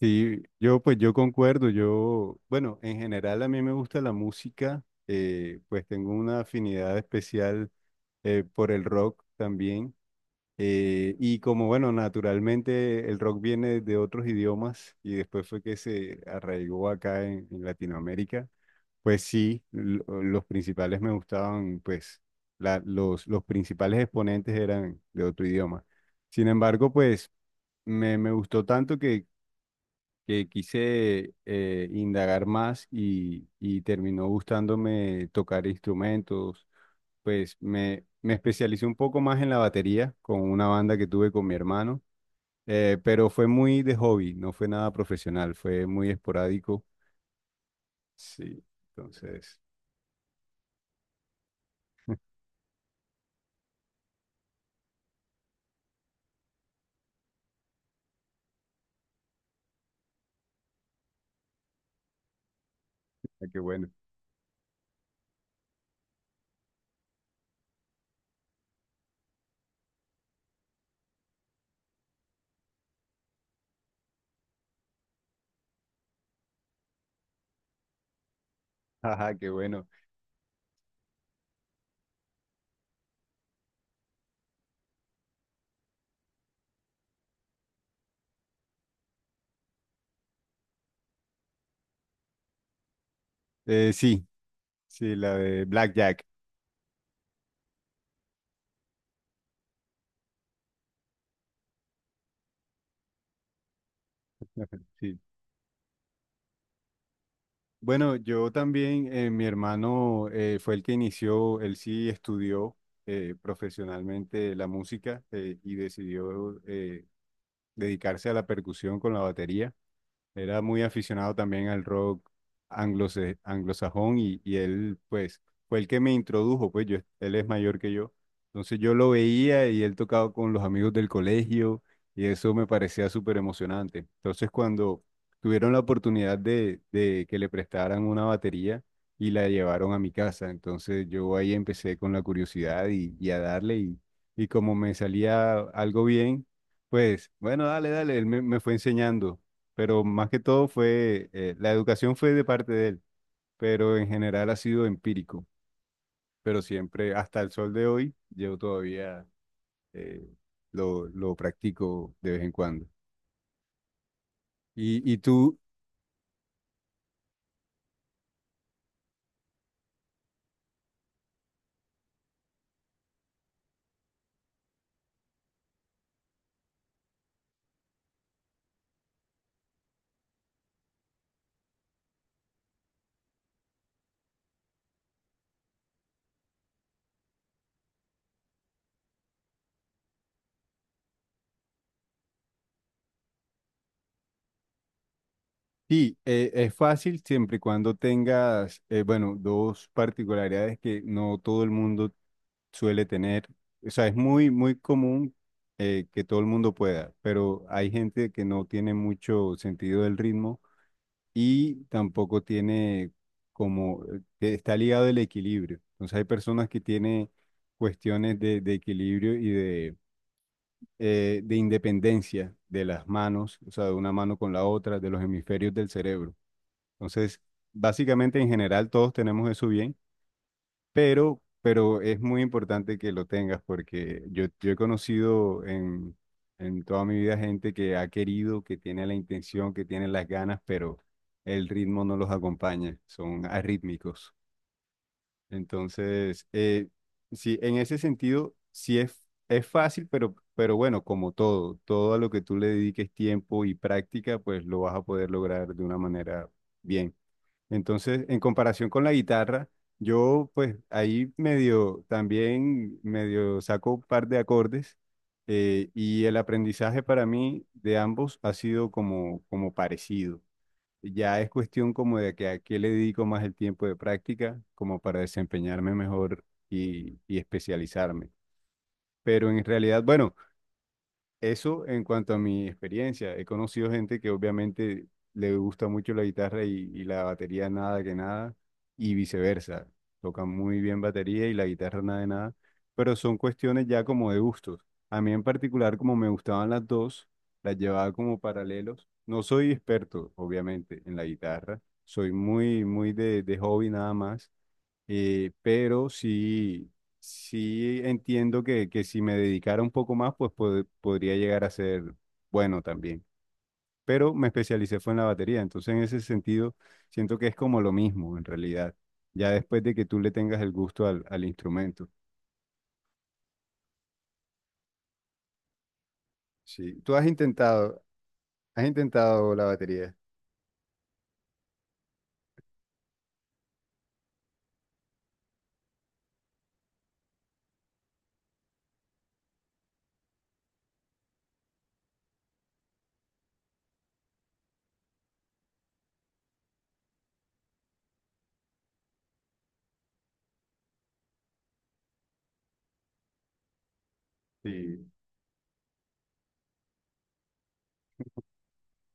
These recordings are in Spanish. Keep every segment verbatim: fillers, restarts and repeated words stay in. Sí, yo pues yo concuerdo. Yo, bueno, en general a mí me gusta la música, eh, pues tengo una afinidad especial eh, por el rock también, eh, y como bueno, naturalmente el rock viene de otros idiomas y después fue que se arraigó acá en, en Latinoamérica. Pues sí, lo- los principales me gustaban. Pues la- los, los principales exponentes eran de otro idioma. Sin embargo, pues me, me gustó tanto que que quise eh, indagar más y, y terminó gustándome tocar instrumentos. Pues me, me especialicé un poco más en la batería con una banda que tuve con mi hermano. Eh, pero fue muy de hobby, no fue nada profesional, fue muy esporádico. Sí, entonces, ah, qué bueno. Ajá, qué bueno. Eh, sí. Sí, la de Blackjack. Sí. Bueno, yo también, eh, mi hermano eh, fue el que inició. Él sí estudió eh, profesionalmente la música, eh, y decidió eh, dedicarse a la percusión con la batería. Era muy aficionado también al rock anglose- anglosajón, y, y él, pues, fue el que me introdujo. Pues yo, él es mayor que yo. Entonces yo lo veía y él tocaba con los amigos del colegio y eso me parecía súper emocionante. Entonces cuando tuvieron la oportunidad de, de que le prestaran una batería y la llevaron a mi casa, entonces yo ahí empecé con la curiosidad y, y a darle, y, y como me salía algo bien, pues bueno, dale, dale, él me me fue enseñando, pero más que todo fue, eh, la educación fue de parte de él, pero en general ha sido empírico. Pero siempre, hasta el sol de hoy, yo todavía eh, lo, lo practico de vez en cuando. Y, y tú, sí, eh, es fácil siempre y cuando tengas, eh, bueno, dos particularidades que no todo el mundo suele tener. O sea, es muy, muy común eh, que todo el mundo pueda, pero hay gente que no tiene mucho sentido del ritmo y tampoco tiene como, eh, está ligado el equilibrio. Entonces hay personas que tienen cuestiones de, de equilibrio y de, eh, de independencia de las manos, o sea, de una mano con la otra, de los hemisferios del cerebro. Entonces, básicamente en general todos tenemos eso bien, pero, pero es muy importante que lo tengas porque yo, yo he conocido en, en toda mi vida gente que ha querido, que tiene la intención, que tiene las ganas, pero el ritmo no los acompaña, son arrítmicos. Entonces, eh, sí, en ese sentido, sí es, es fácil, pero, pero bueno, como todo, todo a lo que tú le dediques tiempo y práctica, pues lo vas a poder lograr de una manera bien. Entonces, en comparación con la guitarra, yo pues ahí medio, también medio saco un par de acordes, eh, y el aprendizaje para mí de ambos ha sido como, como parecido. Ya es cuestión como de que a qué le dedico más el tiempo de práctica, como para desempeñarme mejor y, y especializarme. Pero en realidad, bueno. Eso en cuanto a mi experiencia. He conocido gente que obviamente le gusta mucho la guitarra y, y la batería nada que nada, y viceversa. Tocan muy bien batería y la guitarra nada de nada, pero son cuestiones ya como de gustos. A mí en particular, como me gustaban las dos, las llevaba como paralelos. No soy experto, obviamente, en la guitarra. Soy muy, muy de, de hobby nada más, eh, pero sí, sí entiendo que, que si me dedicara un poco más, pues pod- podría llegar a ser bueno también. Pero me especialicé fue en la batería, entonces en ese sentido siento que es como lo mismo en realidad, ya después de que tú le tengas el gusto al, al instrumento. Sí, tú has intentado, has intentado la batería. Sí.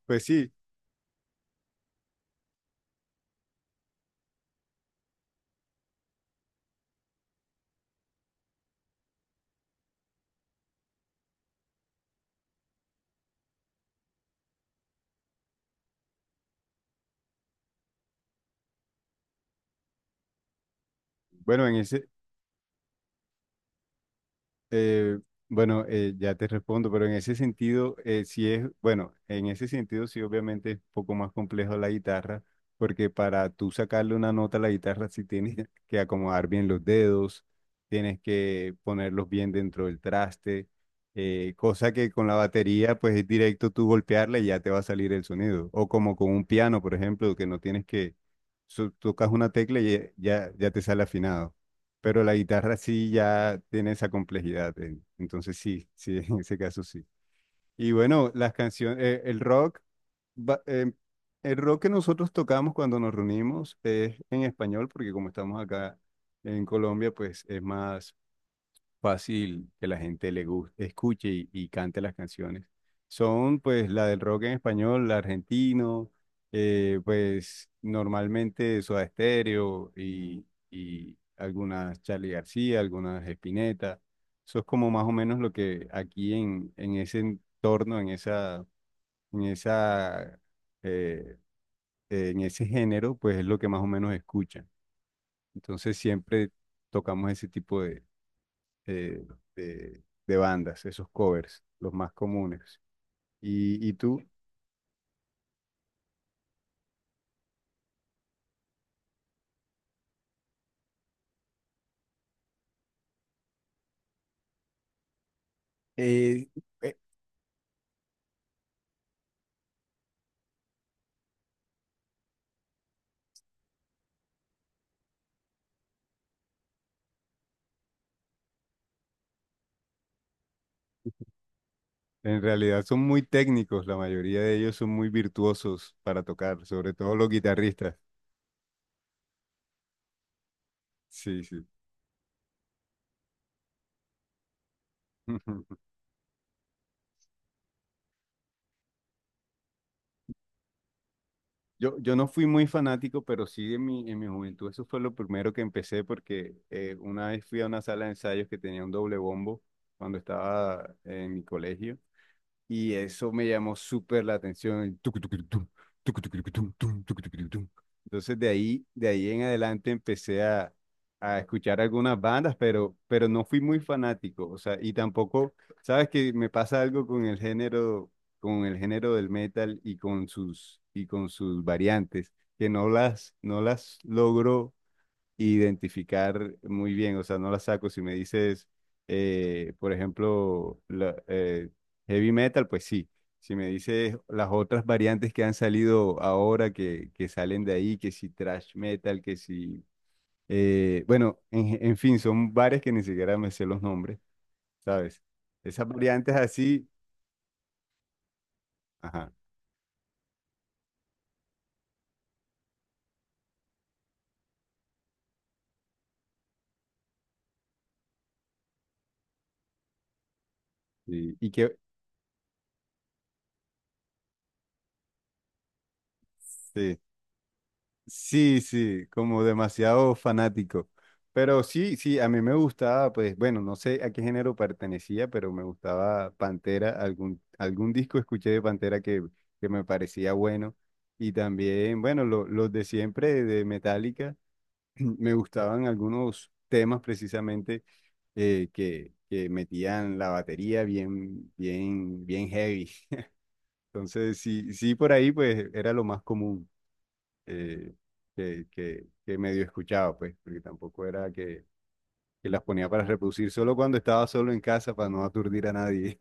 Pues sí, bueno, en ese, Eh, bueno, eh, ya te respondo, pero en ese sentido, eh, sí es, bueno, en ese sentido sí obviamente es un poco más complejo la guitarra, porque para tú sacarle una nota a la guitarra sí tienes que acomodar bien los dedos, tienes que ponerlos bien dentro del traste. Eh, cosa que con la batería pues es directo tú golpearla y ya te va a salir el sonido, o como con un piano, por ejemplo, que no tienes que, so- tocas una tecla y ya, ya ya te sale afinado, pero la guitarra sí ya tiene esa complejidad. eh, Entonces sí, sí, en ese caso sí. Y bueno, las canciones, eh, el rock, va- eh, el rock que nosotros tocamos cuando nos reunimos es en español, porque como estamos acá en Colombia, pues es más fácil que la gente le guste, escuche y, y cante las canciones. Son pues la del rock en español, la argentino, eh, pues normalmente Soda Stereo y, y algunas Charly García, algunas Spinetta. Eso es como más o menos lo que aquí en, en ese entorno, en esa, en esa, eh, en ese género, pues es lo que más o menos escuchan. Entonces siempre tocamos ese tipo de eh, de, de bandas, esos covers, los más comunes. ¿Y, y tú? Eh, eh, en realidad son muy técnicos, la mayoría de ellos son muy virtuosos para tocar, sobre todo los guitarristas. Sí, sí. Yo, yo no fui muy fanático, pero sí en mi, en mi juventud eso fue lo primero que empecé porque eh, una vez fui a una sala de ensayos que tenía un doble bombo cuando estaba en mi colegio. Y eso me llamó súper la atención. El tucutucurutum, tucutucurucutum, tum, tucutucurutum. Entonces de ahí, de ahí en adelante empecé a, a escuchar algunas bandas, pero, pero no fui muy fanático. O sea, y tampoco, sabes que me pasa algo con el género, con el género del metal y con sus, y con sus variantes, que no las, no las logro identificar muy bien, o sea, no la saco. Si me dices, eh, por ejemplo, la- eh, heavy metal, pues sí. Si me dices las otras variantes que han salido ahora, que, que salen de ahí, que si thrash metal, que si... eh, bueno, en, en fin, son varias que ni siquiera me sé los nombres, ¿sabes? Esas variantes así, ajá. Y, y que... sí. Sí, sí, como demasiado fanático. Pero sí, sí, a mí me gustaba, pues bueno, no sé a qué género pertenecía, pero me gustaba Pantera, algún, algún disco escuché de Pantera que, que me parecía bueno. Y también, bueno, lo- los de siempre de Metallica, me gustaban algunos temas precisamente eh, que, que metían la batería bien, bien, bien heavy. Entonces, sí, sí, por ahí pues era lo más común, eh, que, que, que medio escuchaba, pues, porque tampoco era que, que las ponía para reproducir solo cuando estaba solo en casa para no aturdir a nadie.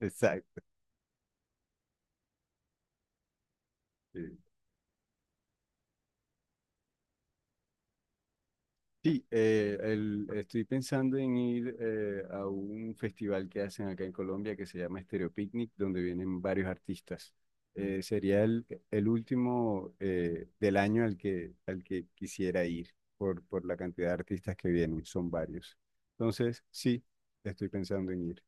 Exacto. Sí. Sí, eh, el- estoy pensando en ir eh, a un festival que hacen acá en Colombia que se llama Stereo Picnic, donde vienen varios artistas. Eh, sería el, el último eh, del año al que, al que quisiera ir por, por la cantidad de artistas que vienen, son varios. Entonces, sí, estoy pensando en ir.